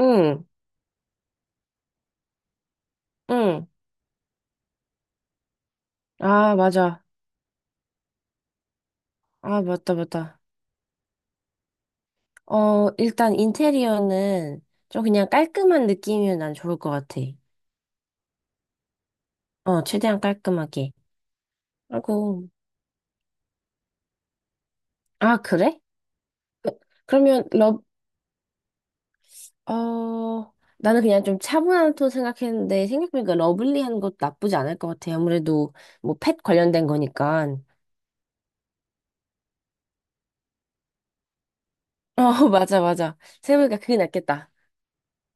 응, 응. 아, 맞아. 아, 맞다, 맞다. 어, 일단 인테리어는 좀 그냥 깔끔한 느낌이면 난 좋을 것 같아. 어, 최대한 깔끔하게. 아이고. 아, 그래? 그- 그러면, 어, 나는 그냥 좀 차분한 톤 생각했는데, 생각해보니까 러블리한 것도 나쁘지 않을 것 같아. 아무래도, 뭐, 펫 관련된 거니까. 어, 맞아, 맞아. 생각해보니까 그게 낫겠다.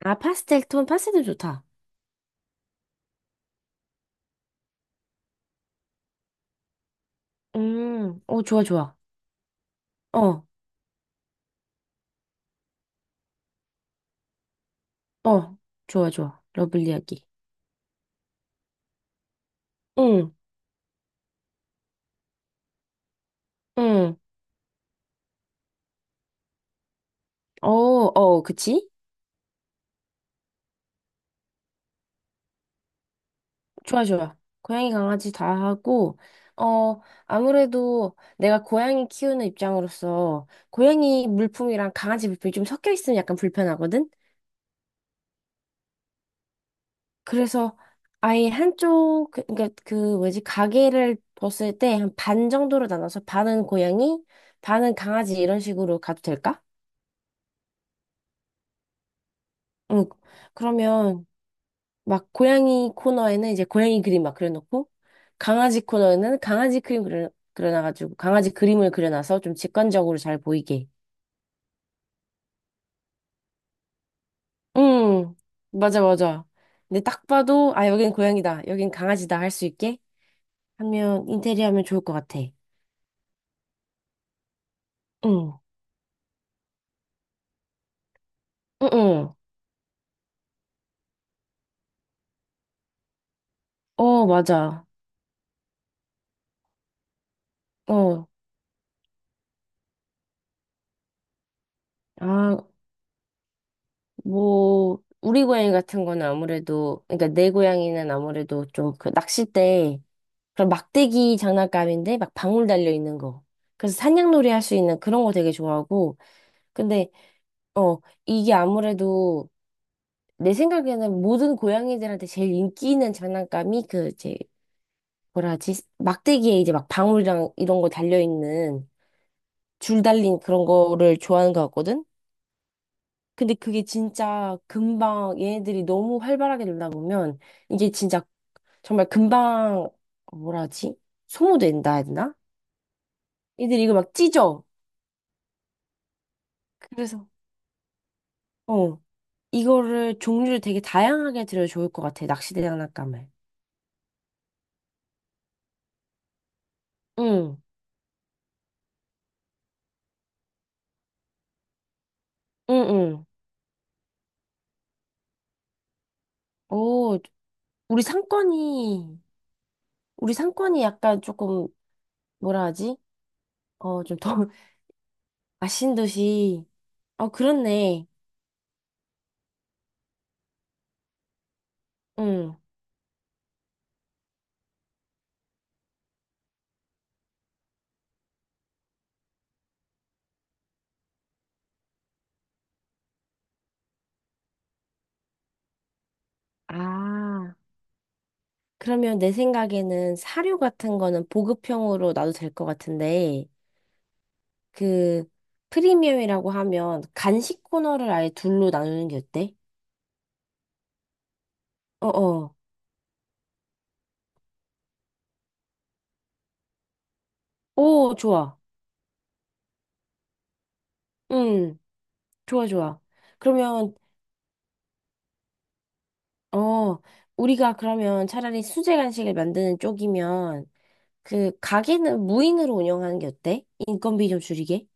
아, 파스텔 톤, 파스텔 좋다. 어, 좋아, 좋아. 어. 어, 좋아, 좋아. 러블리 이야기. 응, 응. 어, 어, 그치? 좋아, 좋아. 고양이, 강아지 다 하고, 어, 아무래도 내가 고양이 키우는 입장으로서 고양이 물품이랑 강아지 물품이 좀 섞여 있으면 약간 불편하거든? 그래서 아예 한쪽, 그니까 그 뭐지, 가게를 벗을 때 한 반 정도로 나눠서 반은 고양이, 반은 강아지 이런 식으로 가도 될까? 응. 그러면 막 고양이 코너에는 이제 고양이 그림 막 그려놓고 강아지 코너에는 강아지 그림 그려놔가지고 강아지 그림을 그려놔서 좀 직관적으로 잘 보이게. 응, 맞아, 맞아. 근데 딱 봐도 아, 여긴 고양이다. 여긴 강아지다 할 수 있게 하면 인테리어 하면 좋을 것 같아. 응, 응, 응. 어, 맞아. 어, 아, 뭐, 우리 고양이 같은 거는 아무래도, 그러니까 내 고양이는 아무래도 좀 그 낚싯대 그런 막대기 장난감인데 막 방울 달려 있는 거. 그래서 산양놀이 할 수 있는 그런 거 되게 좋아하고. 근데 어 이게 아무래도 내 생각에는 모든 고양이들한테 제일 인기 있는 장난감이 그 이제 뭐라 하지? 막대기에 이제 막 방울이랑 이런 거 달려 있는 줄 달린 그런 거를 좋아하는 것 같거든. 근데 그게 진짜 금방 얘네들이 너무 활발하게 놀다 보면 이게 진짜 정말 금방 어, 뭐라 하지? 소모된다 해야 되나? 애들이 이거 막 찢어. 그래서 어, 이거를 종류를 되게 다양하게 들여 좋을 것 같아. 낚시대 장난감을. 응, 응, 응. 오, 우리 상권이, 우리 상권이 약간 조금, 뭐라 하지? 어, 좀 더, 아신 듯이. 어, 그렇네. 응. 아, 그러면 내 생각에는 사료 같은 거는 보급형으로 놔도 될 것 같은데, 그, 프리미엄이라고 하면 간식 코너를 아예 둘로 나누는 게 어때? 어어. 오, 좋아. 응. 좋아, 좋아. 그러면, 어, 우리가 그러면 차라리 수제 간식을 만드는 쪽이면, 그, 가게는 무인으로 운영하는 게 어때? 인건비 좀 줄이게?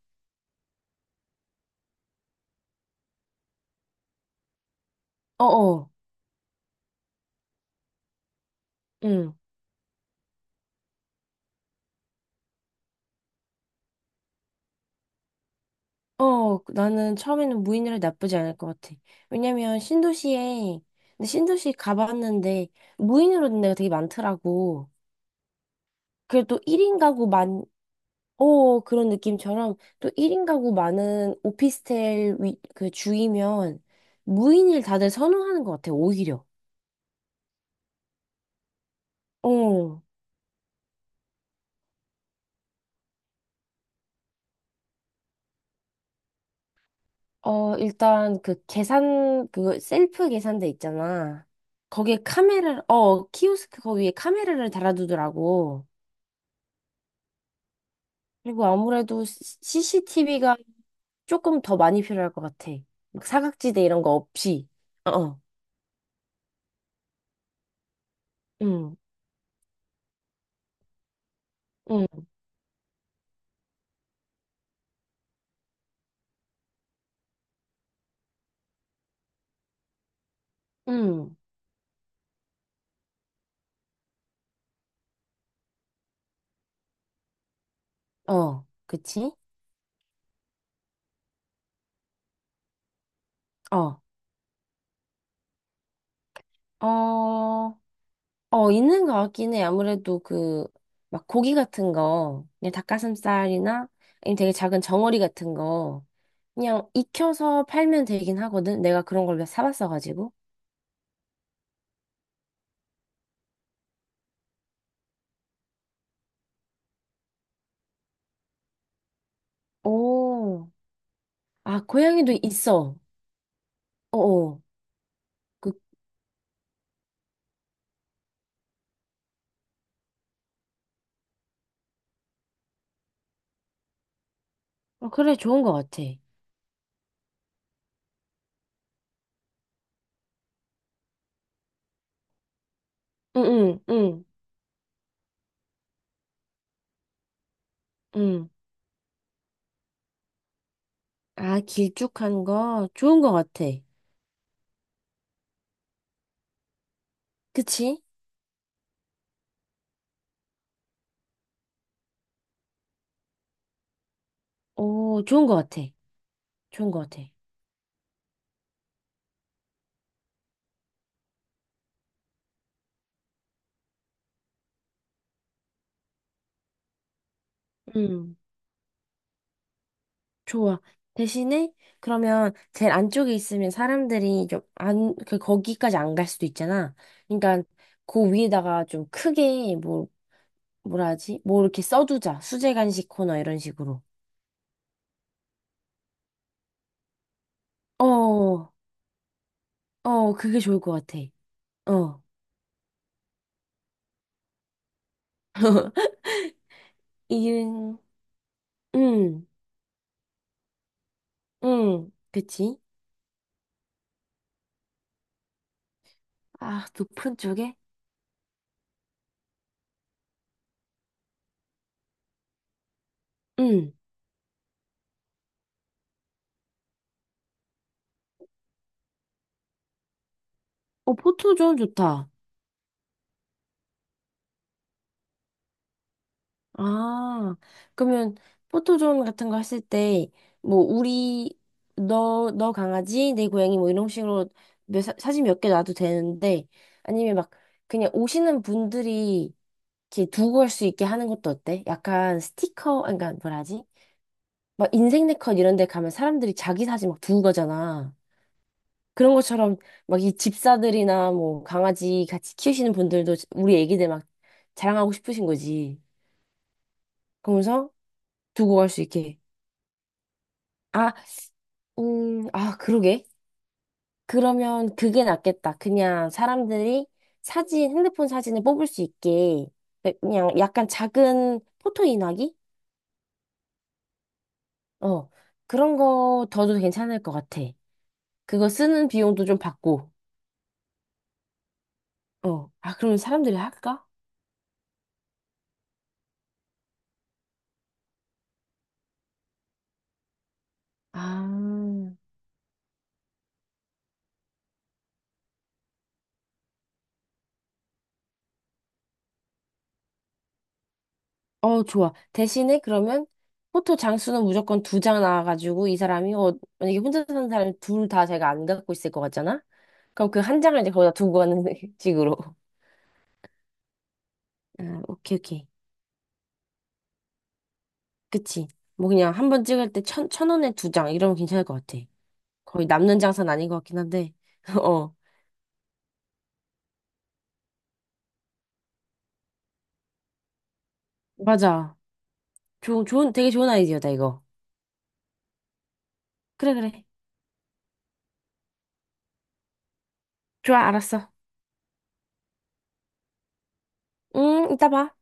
어 어, 응. 어, 나는 처음에는 무인으로 나쁘지 않을 것 같아. 왜냐면, 근데 신도시 가봤는데, 무인으로 된 데가 되게 많더라고. 그래도 1인 가구 그런 느낌처럼 또 1인 가구 많은 오피스텔 위, 그 주이면 무인을 다들 선호하는 것 같아, 오히려. 어, 어, 일단 그 셀프 계산대 있잖아. 키오스크 거기에 카메라를 달아두더라고. 그리고 아무래도 CCTV가 조금 더 많이 필요할 것 같아. 막 사각지대 이런 거 없이. 어, 어. 응, 응, 응. 어, 그치? 어, 어. 어, 있는 것 같긴 해. 아무래도 그, 막 고기 같은 거, 그냥 닭가슴살이나 아니면 되게 작은 정어리 같은 거, 그냥 익혀서 팔면 되긴 하거든. 내가 그런 걸 사봤어가지고. 오, 아, 고양이도 있어. 어어. 그, 그래, 좋은 것 같아. 응, 응, 응, 응. 아, 길쭉한 거, 좋은 것 같아. 그치? 오, 좋은 것 같아. 좋은 것 같아. 응. 좋아. 대신에 그러면 제일 안쪽에 있으면 사람들이 좀 안, 그 거기까지 안 갈 수도 있잖아. 그러니까 그 위에다가 좀 크게 뭐 뭐라 하지? 뭐 이렇게 써두자. 수제 간식 코너 이런 식으로. 어, 어, 그게 좋을 것 같아. 어, 이은, 음, 그치? 아, 높은 쪽에? 음, 어, 포토존 좋다. 아, 그러면 포토존 같은 거 했을 때, 뭐, 우리, 너 강아지, 내 고양이, 뭐, 이런 식으로 사진 몇 개 놔도 되는데, 아니면 막, 그냥 오시는 분들이 이렇게 두고 갈 수 있게 하는 것도 어때? 약간 스티커, 그러니까 뭐라 하지? 막 인생네컷 이런 데 가면 사람들이 자기 사진 막 두고 가잖아. 그런 것처럼 막 이 집사들이나 뭐 강아지 같이 키우시는 분들도 우리 애기들 막 자랑하고 싶으신 거지. 그러면서 두고 갈 수 있게. 아, 아, 그러게. 그러면 그게 낫겠다. 그냥 사람들이 사진, 핸드폰 사진을 뽑을 수 있게 그 그냥 약간 작은 포토 인화기? 어, 그런 거 더도 괜찮을 것 같아. 그거 쓰는 비용도 좀 받고. 어, 아, 그러면 사람들이 할까? 아, 어, 좋아. 대신에 그러면 포토 장수는 무조건 2장 나와가지고 이 사람이, 어, 만약에 혼자 사는 사람이 둘 다 제가 안 갖고 있을 것 같잖아? 그럼 그 한 장을 이제 거기다 두고 가는 식으로. 아, 오케이, 오케이. 그치. 뭐 그냥 한 번 찍을 때 천 원에 2장, 이러면 괜찮을 것 같아. 거의 남는 장사는 아닌 것 같긴 한데. 어, 맞아. 좋은, 좋은, 되게 좋은 아이디어다, 이거. 그래, 그래. 좋아, 알았어. 응, 이따 봐.